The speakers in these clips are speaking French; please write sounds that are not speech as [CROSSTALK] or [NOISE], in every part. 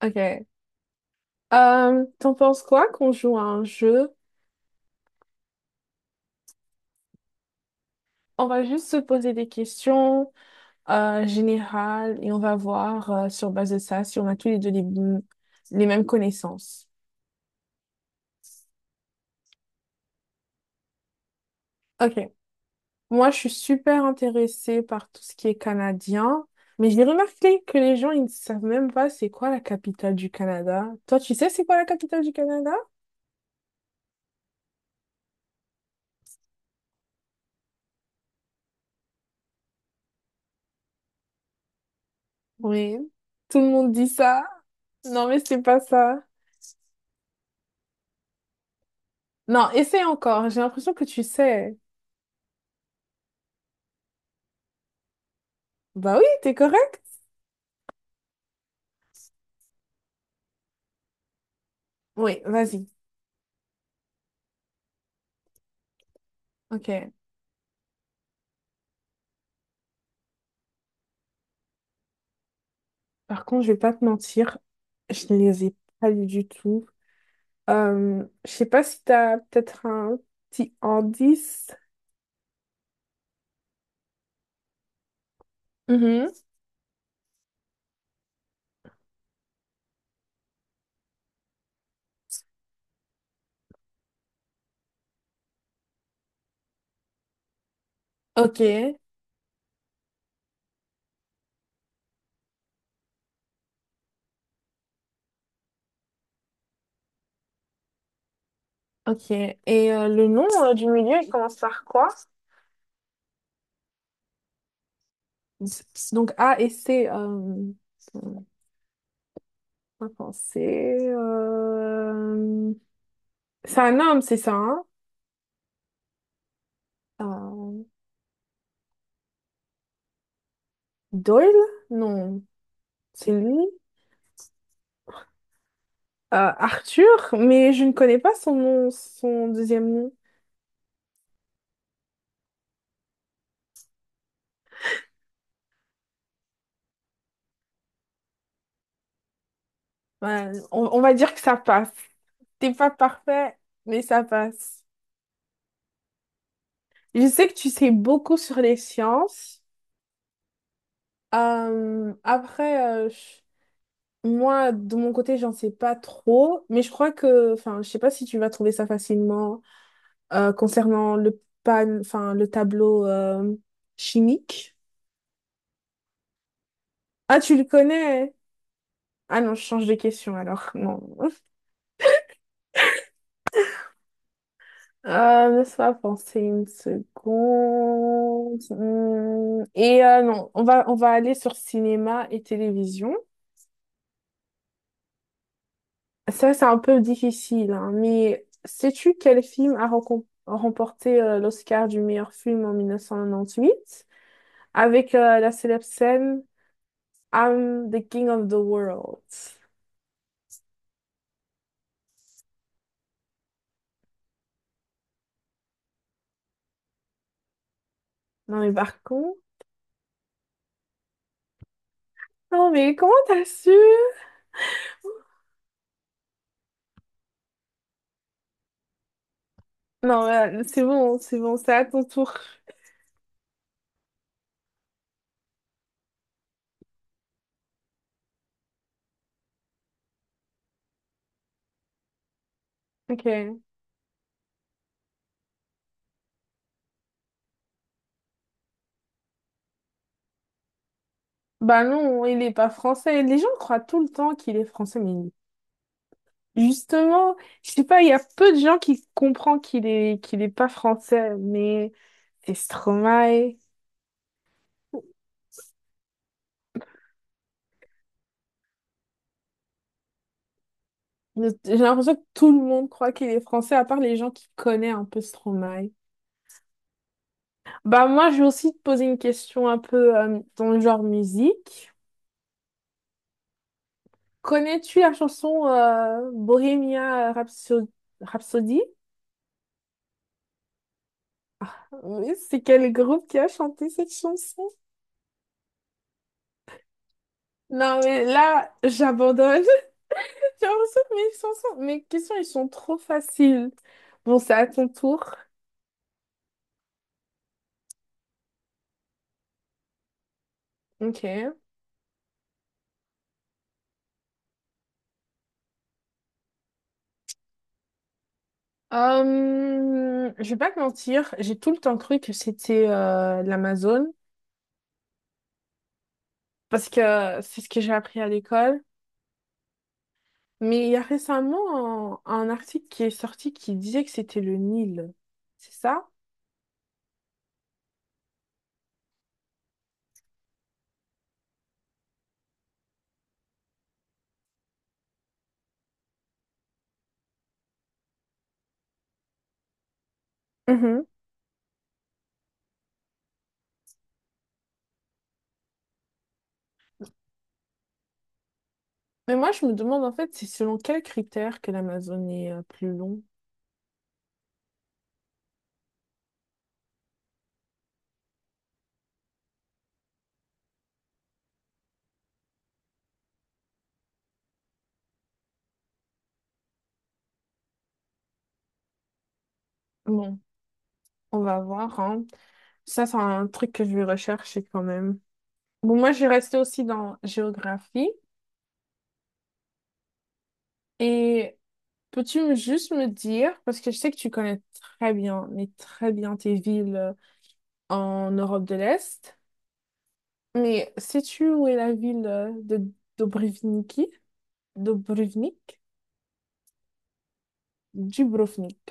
Ok. T'en penses quoi qu'on joue à un jeu? On va juste se poser des questions générales et on va voir sur base de ça si on a tous les deux les mêmes connaissances. Ok. Moi, je suis super intéressée par tout ce qui est canadien, mais j'ai remarqué que les gens, ils ne savent même pas c'est quoi la capitale du Canada. Toi, tu sais c'est quoi la capitale du Canada? Oui. Tout le monde dit ça. Non, mais c'est pas ça. Non, essaie encore. J'ai l'impression que tu sais. Bah oui, t'es correct. Oui, vas-y. Ok. Par contre, je vais pas te mentir, je ne les ai pas lus du tout. Je sais pas si t'as peut-être un petit indice. Mhm. Ok, ok. Et le nom du milieu, il commence par quoi? Donc A et C. Attends, pas penser. C'est un homme, c'est ça, hein? Euh, Doyle? Non, c'est lui. Arthur, mais je ne connais pas son nom, son deuxième nom. Ouais, on va dire que ça passe. T'es pas parfait, mais ça passe. Je sais que tu sais beaucoup sur les sciences. Euh, après, euh, je- Moi, de mon côté, j'en sais pas trop, mais je crois que, enfin, je sais pas si tu vas trouver ça facilement concernant enfin, le tableau chimique. Ah, tu le connais? Ah non, je change de question alors. Non. Laisse-moi penser une seconde. Et non, on va aller sur cinéma et télévision. Ça, c'est un peu difficile, hein, mais sais-tu quel film a remporté l'Oscar du meilleur film en 1998 avec la célèbre scène I'm the King of the World? Non, mais par contre... Non, mais comment t'as su? Non, c'est bon, c'est bon, c'est à ton tour. Ok. Bah non, il est pas français. Les gens croient tout le temps qu'il est français, mais justement, je sais pas, il y a peu de gens qui comprennent qu'il est pas français, mais c'est Stromae. J'ai l'impression que tout le monde croit qu'il est français, à part les gens qui connaissent un peu Stromae. Bah moi, je vais aussi te poser une question un peu dans le genre musique. Connais-tu la chanson Rhapsody? Oui, c'est quel groupe qui a chanté cette chanson? Non, mais là, j'abandonne. [LAUGHS] J'ai l'impression que mes questions, ils sont trop faciles. Bon, c'est à ton tour. Ok. Je vais pas te mentir, j'ai tout le temps cru que c'était l'Amazone, parce que c'est ce que j'ai appris à l'école. Mais il y a récemment un article qui est sorti qui disait que c'était le Nil. C'est ça? Mhm. Mais moi, je me demande en fait, c'est selon quel critère que l'Amazone est plus long. Bon, on va voir, hein. Ça, c'est un truc que je vais rechercher quand même. Bon, moi, j'ai resté aussi dans géographie. Et peux-tu juste me dire, parce que je sais que tu connais très bien, mais très bien tes villes en Europe de l'Est, mais sais-tu où est la ville de Dubrovniki? Dubrovnik? Dubrovnik.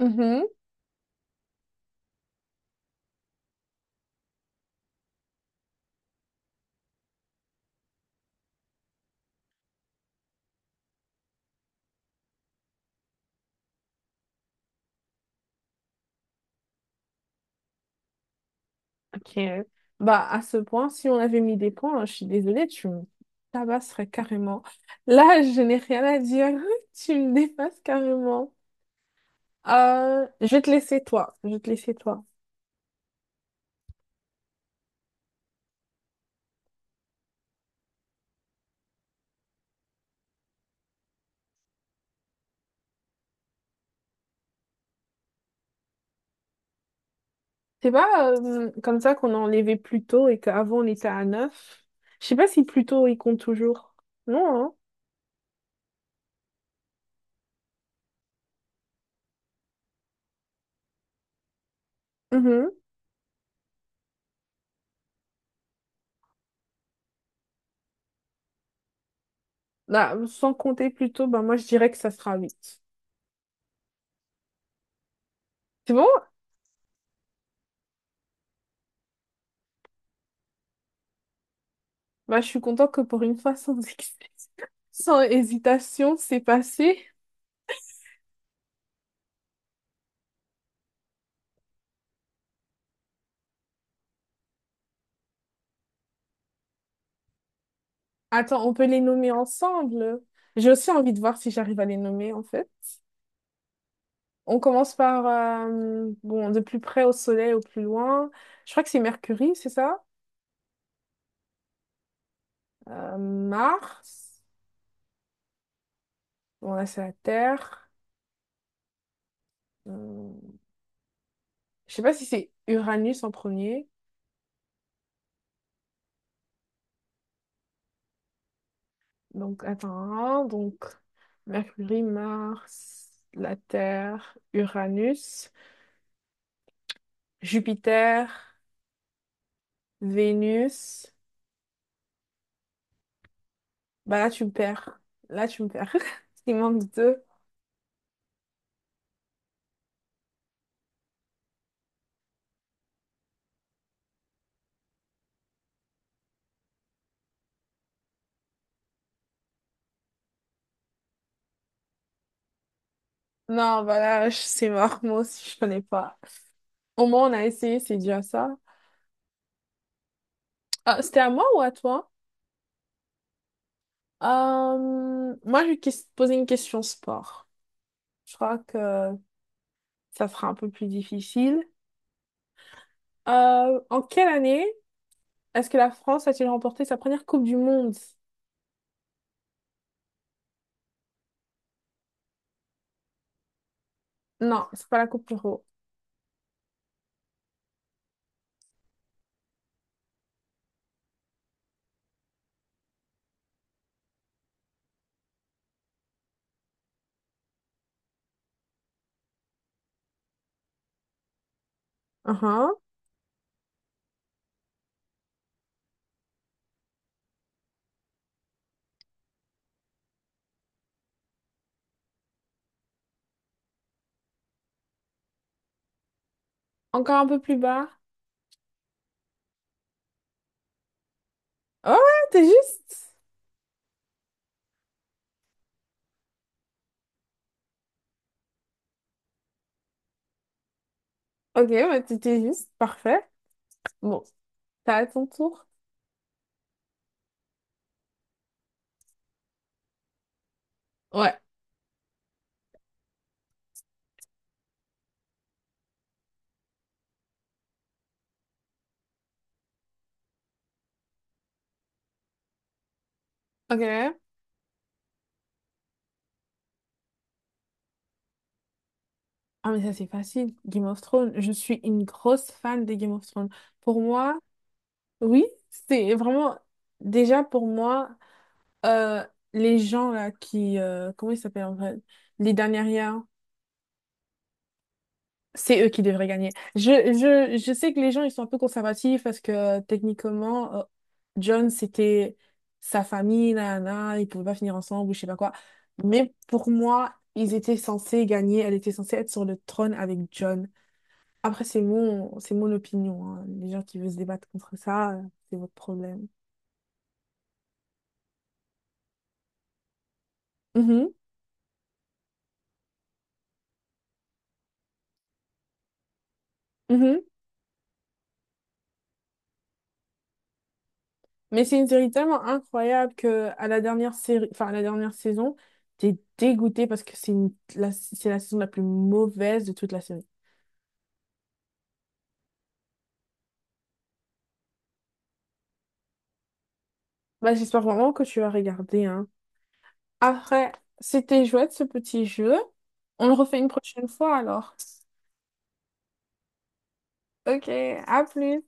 Mhm. Ok. Bah, à ce point, si on avait mis des points, hein, je suis désolée, tu me tabasserais carrément. Là, je n'ai rien à dire. [LAUGHS] Tu me dépasses carrément. Je vais te laisser toi. Je vais te laisser toi. C'est pas comme ça qu'on a enlevé plus tôt et qu'avant on était à neuf. Je sais pas si plus tôt il compte toujours. Non, hein? Mhm. Bah, sans compter plus tôt, bah moi je dirais que ça sera huit. C'est bon? Bah je suis contente que pour une fois [LAUGHS] sans excès. Sans hésitation, c'est passé. Attends, on peut les nommer ensemble. J'ai aussi envie de voir si j'arrive à les nommer, en fait. On commence par, bon, de plus près au Soleil, au plus loin. Je crois que c'est Mercure, c'est ça? Mars. Bon, là, c'est la Terre. Euh, je sais pas si c'est Uranus en premier. Donc, attends, hein, donc, Mercure, Mars, la Terre, Uranus, Jupiter, Vénus. Bah là, tu me perds. Là, tu me perds. [LAUGHS] Il manque deux. Non, c'est mort. Moi aussi, je connais pas. Au moins, on a essayé, c'est déjà ça. Ah, c'était à moi ou à toi? Moi, je vais poser une question sport. Je crois que ça sera un peu plus difficile. En quelle année est-ce que la France a-t-il remporté sa première Coupe du Monde? Non, c'est pas la Coupe Euro. Uhum. Encore un peu plus bas. Oh ouais, t'es juste. Ok, bah t'étais juste. Parfait. Bon, t'as à ton tour. Ouais. Ok. Ah, mais ça, c'est facile. Game of Thrones. Je suis une grosse fan de Game of Thrones. Pour moi, oui, c'est vraiment. Déjà, pour moi, euh, les gens là qui. Comment ils s'appellent en vrai? Les dernières, c'est eux qui devraient gagner. Je sais que les gens, ils sont un peu conservatifs parce que techniquement, John, c'était sa famille, là, ils pouvaient pas finir ensemble ou je sais pas quoi. Mais pour moi, ils étaient censés gagner. Elle était censée être sur le trône avec John. Après, c'est mon opinion, hein. Les gens qui veulent se débattre contre ça, c'est votre problème. Mhm, mhm. Mais c'est une série tellement incroyable que à la dernière série, enfin, à la dernière saison, t'es dégoûté parce que c'est la saison la plus mauvaise de toute la série. Bah, j'espère vraiment que tu vas regarder, hein. Après, c'était chouette ce petit jeu. On le refait une prochaine fois alors. Ok, à plus.